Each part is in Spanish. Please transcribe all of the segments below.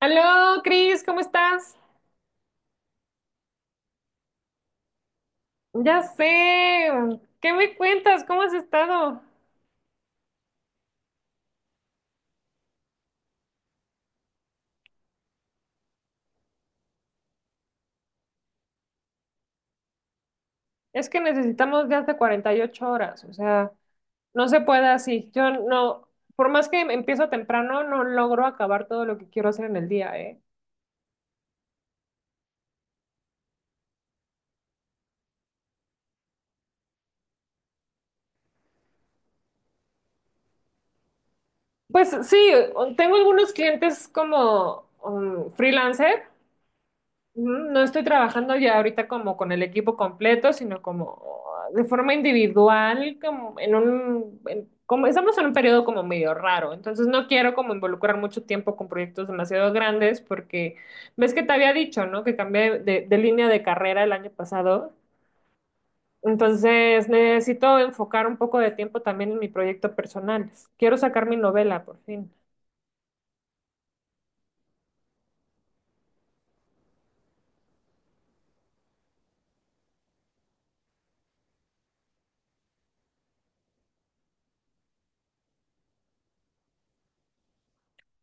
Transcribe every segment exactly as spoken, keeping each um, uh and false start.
Aló, Cris, ¿cómo estás? Ya sé. ¿Qué me cuentas? ¿Cómo has estado? Es que necesitamos de hasta cuarenta y ocho horas, o sea, no se puede así. Yo no, por más que empiezo temprano, no logro acabar todo lo que quiero hacer en el día, ¿eh? Pues sí, tengo algunos clientes como um, freelancer. No no estoy trabajando ya ahorita como con el equipo completo, sino como de forma individual, como en un, en- como estamos en un periodo como medio raro, entonces no quiero como involucrar mucho tiempo con proyectos demasiado grandes porque ves que te había dicho, ¿no? Que cambié de, de línea de carrera el año pasado, entonces necesito enfocar un poco de tiempo también en mi proyecto personal. Quiero sacar mi novela por fin.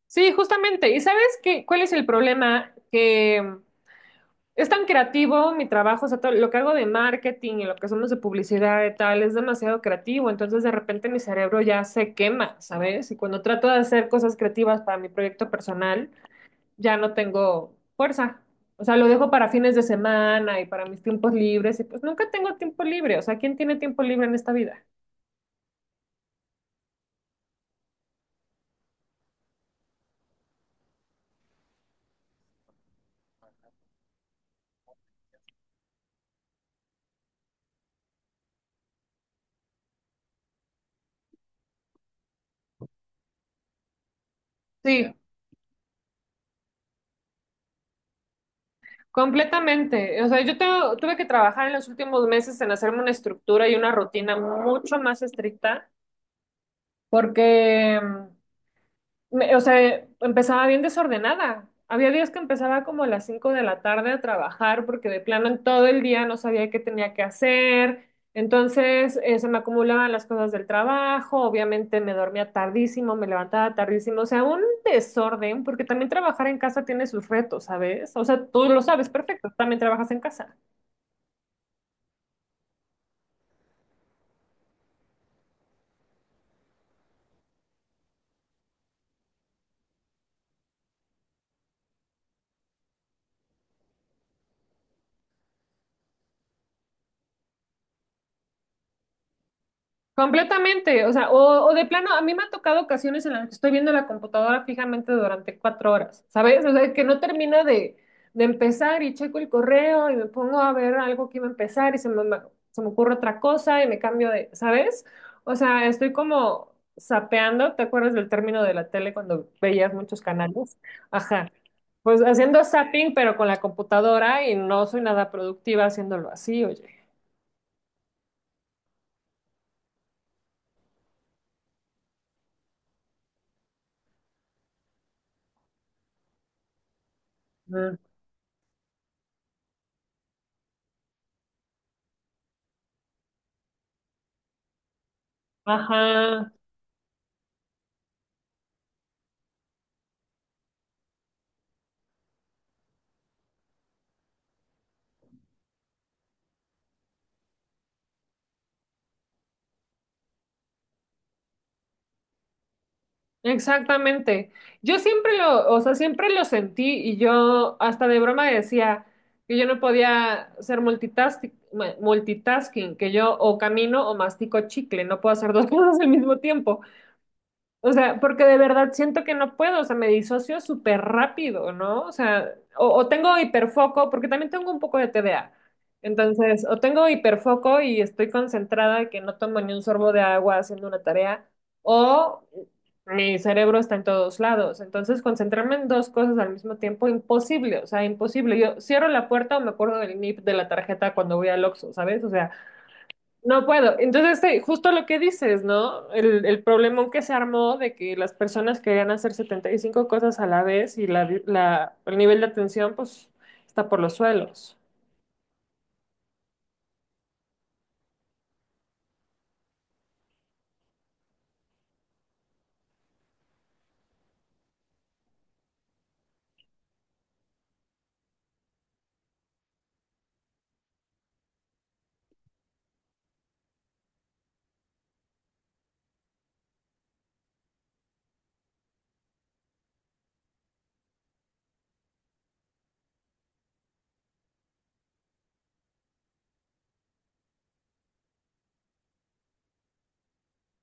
Sí, justamente. ¿Y sabes qué, cuál es el problema? Que es tan creativo mi trabajo, o sea, todo lo que hago de marketing y lo que hacemos de publicidad y tal, es demasiado creativo, entonces de repente mi cerebro ya se quema, ¿sabes? Y cuando trato de hacer cosas creativas para mi proyecto personal, ya no tengo fuerza. O sea, lo dejo para fines de semana y para mis tiempos libres, y pues nunca tengo tiempo libre, o sea, ¿quién tiene tiempo libre en esta vida? Sí, completamente. O sea, yo tengo- tuve que trabajar en los últimos meses en hacerme una estructura y una rutina mucho más estricta porque... mm, me- o sea, empezaba bien desordenada. Había días que empezaba como a las cinco de la tarde a trabajar porque de plano en todo el día no sabía qué tenía que hacer. Entonces, eh, se me acumulaban las cosas del trabajo, obviamente me dormía tardísimo, me levantaba tardísimo, o sea, un desorden, porque también trabajar en casa tiene sus retos, ¿sabes? O sea, tú lo sabes perfecto, también trabajas en casa. Completamente, o sea, o, o de plano, a mí me ha tocado ocasiones en las que estoy viendo la computadora fijamente durante cuatro horas, ¿sabes? O sea, que no termina de, de empezar y checo el correo y me pongo a ver algo que iba a empezar y se me, se me ocurre otra cosa y me cambio de, ¿sabes? O sea, estoy como sapeando. ¿Te acuerdas del término de la tele cuando veías muchos canales? Ajá, pues haciendo zapping pero con la computadora, y no soy nada productiva haciéndolo así, oye. Mm. Ajá. Exactamente. Yo siempre lo, o sea, siempre lo sentí, y yo hasta de broma decía que yo no podía ser multitasking, multitasking, que yo o camino o mastico chicle, no puedo hacer dos cosas al mismo tiempo. O sea, porque de verdad siento que no puedo, o sea, me disocio súper rápido, ¿no? O sea, o, o tengo hiperfoco, porque también tengo un poco de T D A. Entonces, o tengo hiperfoco y estoy concentrada que no tomo ni un sorbo de agua haciendo una tarea, o mi cerebro está en todos lados. Entonces, concentrarme en dos cosas al mismo tiempo, imposible, o sea, imposible. Yo cierro la puerta o me acuerdo del NIP de la tarjeta cuando voy al Oxxo, ¿sabes? O sea, no puedo. Entonces, sí, justo lo que dices, ¿no? El, el problemón que se armó de que las personas querían hacer setenta y cinco cosas a la vez, y la, la- el nivel de atención, pues, está por los suelos.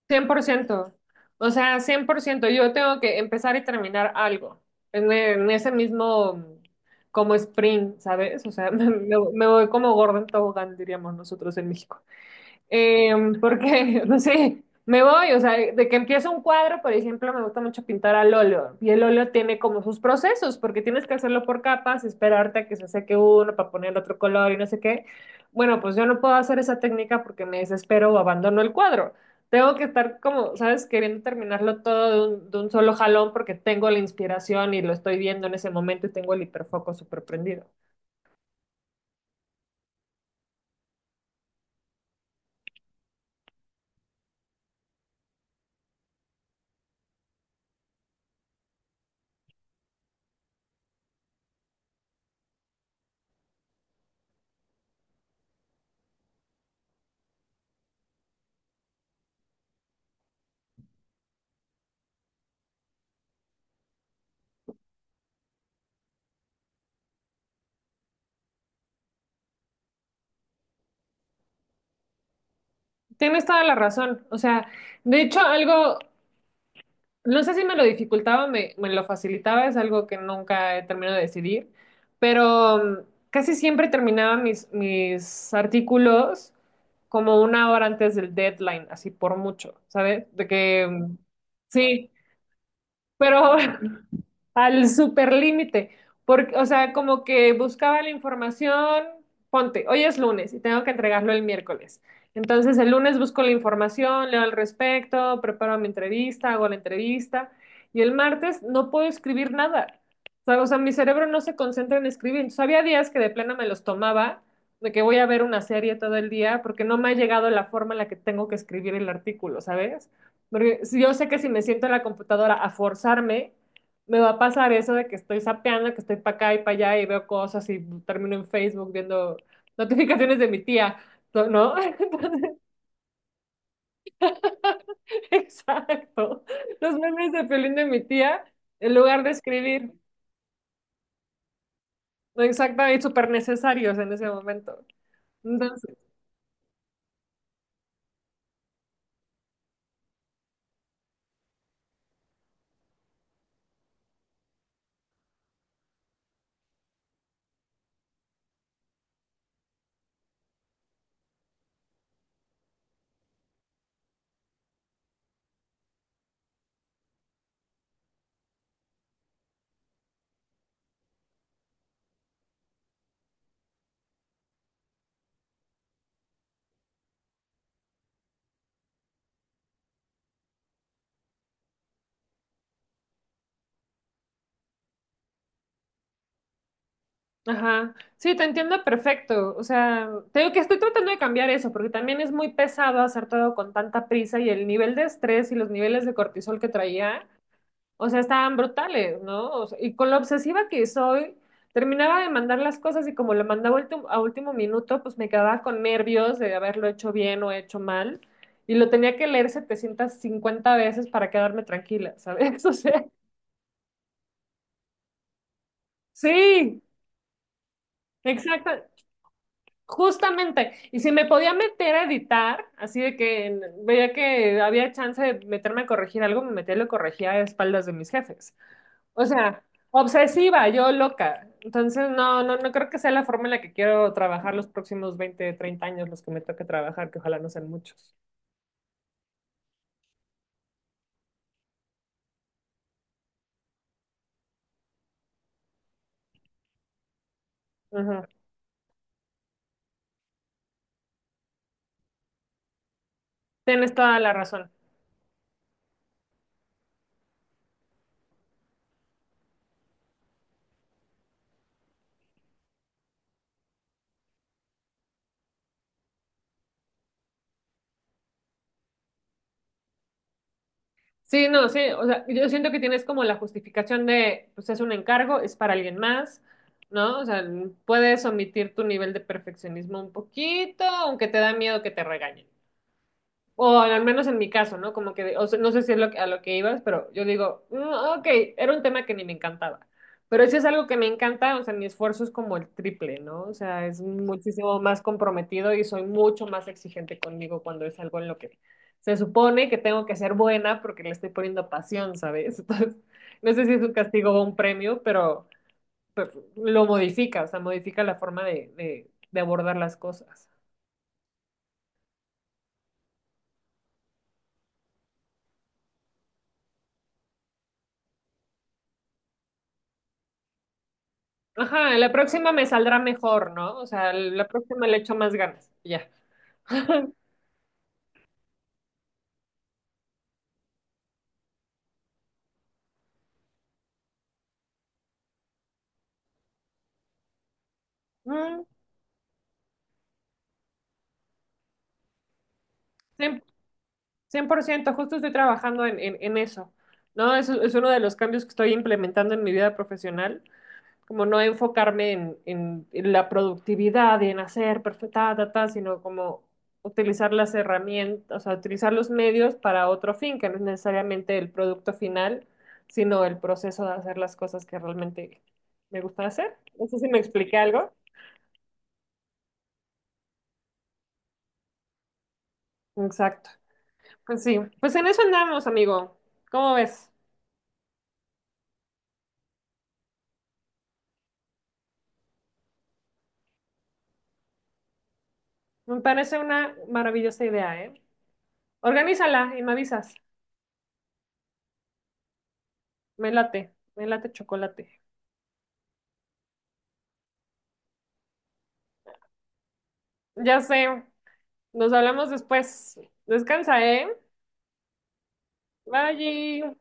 Cien por ciento. O sea, cien por ciento. Yo tengo que empezar y terminar algo en, en ese mismo mm, como sprint, ¿sabes? O sea, me, me- me voy como gordo en tobogán, diríamos nosotros en México. Eh, porque, no sé, me voy, o sea, de que empiezo un cuadro, por ejemplo, me gusta mucho pintar al óleo, y el óleo tiene como sus procesos, porque tienes que hacerlo por capas, esperarte a que se seque uno para poner otro color y no sé qué. Bueno, pues yo no puedo hacer esa técnica porque me desespero o abandono el cuadro. Tengo que estar como, ¿sabes? Queriendo terminarlo todo de un, de un solo jalón porque tengo la inspiración y lo estoy viendo en ese momento y tengo el hiperfoco súper prendido. Tienes toda la razón. O sea, de hecho, algo, no sé si me lo dificultaba o me, me lo facilitaba, es algo que nunca he terminado de decidir, pero mm, casi siempre terminaba mis, mis artículos como una hora antes del deadline, así por mucho, ¿sabes? De que mm, sí, pero al superlímite, porque, o sea, como que buscaba la información, ponte, hoy es lunes y tengo que entregarlo el miércoles. Entonces el lunes busco la información, leo al respecto, preparo mi entrevista, hago la entrevista y el martes no puedo escribir nada. O sea, o sea, mi cerebro no se concentra en escribir. Entonces, había días que de plano me los tomaba, de que voy a ver una serie todo el día porque no me ha llegado la forma en la que tengo que escribir el artículo, ¿sabes? Porque si- yo sé que si me siento en la computadora a forzarme, me va a pasar eso de que estoy sapeando, que estoy para acá y para allá y veo cosas y termino en Facebook viendo notificaciones de mi tía, ¿no? ¿no? Exacto. Los memes de Piolín de mi tía, en lugar de escribir, ¿no? Exactamente, súper necesarios en ese momento. Entonces, ajá, sí, te entiendo perfecto. O sea, te digo que estoy tratando de cambiar eso, porque también es muy pesado hacer todo con tanta prisa, y el nivel de estrés y los niveles de cortisol que traía, o sea, estaban brutales, ¿no? O sea, y con lo obsesiva que soy, terminaba de mandar las cosas y como lo mandaba ultim- a último minuto, pues me quedaba con nervios de haberlo hecho bien o hecho mal. Y lo tenía que leer setecientas cincuenta veces para quedarme tranquila, ¿sabes? O sea, sí, exacto, justamente. Y si me podía meter a editar, así de que en- veía que había chance de meterme a corregir algo, me metía y lo corregía a espaldas de mis jefes. O sea, obsesiva, yo loca. Entonces, no, no, no creo que sea la forma en la que quiero trabajar los próximos veinte, treinta años, los que me toque trabajar, que ojalá no sean muchos. Ajá. Tienes toda la razón. Sí, no, sí, o sea, yo siento que tienes como la justificación de, pues es un encargo, es para alguien más, ¿no? O sea, puedes omitir tu nivel de perfeccionismo un poquito, aunque te da miedo que te regañen. O al menos en mi caso, ¿no? Como que, o sea, no sé si es lo que- a lo que ibas, pero yo digo, "Mm, ok, era un tema que ni me encantaba. Pero si es algo que me encanta, o sea, mi esfuerzo es como el triple, ¿no? O sea, es muchísimo más comprometido y soy mucho más exigente conmigo cuando es algo en lo que se supone que tengo que ser buena porque le estoy poniendo pasión, ¿sabes? Entonces, no sé si es un castigo o un premio, pero, pero lo modifica, o sea, modifica la forma de, de de abordar las cosas. Ajá, la próxima me saldrá mejor, ¿no? O sea, la próxima le echo más ganas. Ya. Mm, cien por ciento, cien por ciento, justo estoy trabajando en, en, en eso, ¿no? Es, es uno de los cambios que estoy implementando en mi vida profesional, como no enfocarme en, en- en la productividad y en hacer perfecta, ta, ta, sino como utilizar las herramientas, o sea, utilizar los medios para otro fin, que no es necesariamente el producto final, sino el proceso de hacer las cosas que realmente me gusta hacer. No sé si me expliqué algo. Exacto. Pues sí, pues en eso andamos, amigo. ¿Cómo ves? Me parece una maravillosa idea, ¿eh? Organízala y me avisas. Me late, me late chocolate. Ya sé, nos hablamos después. Descansa, ¿eh? Bye.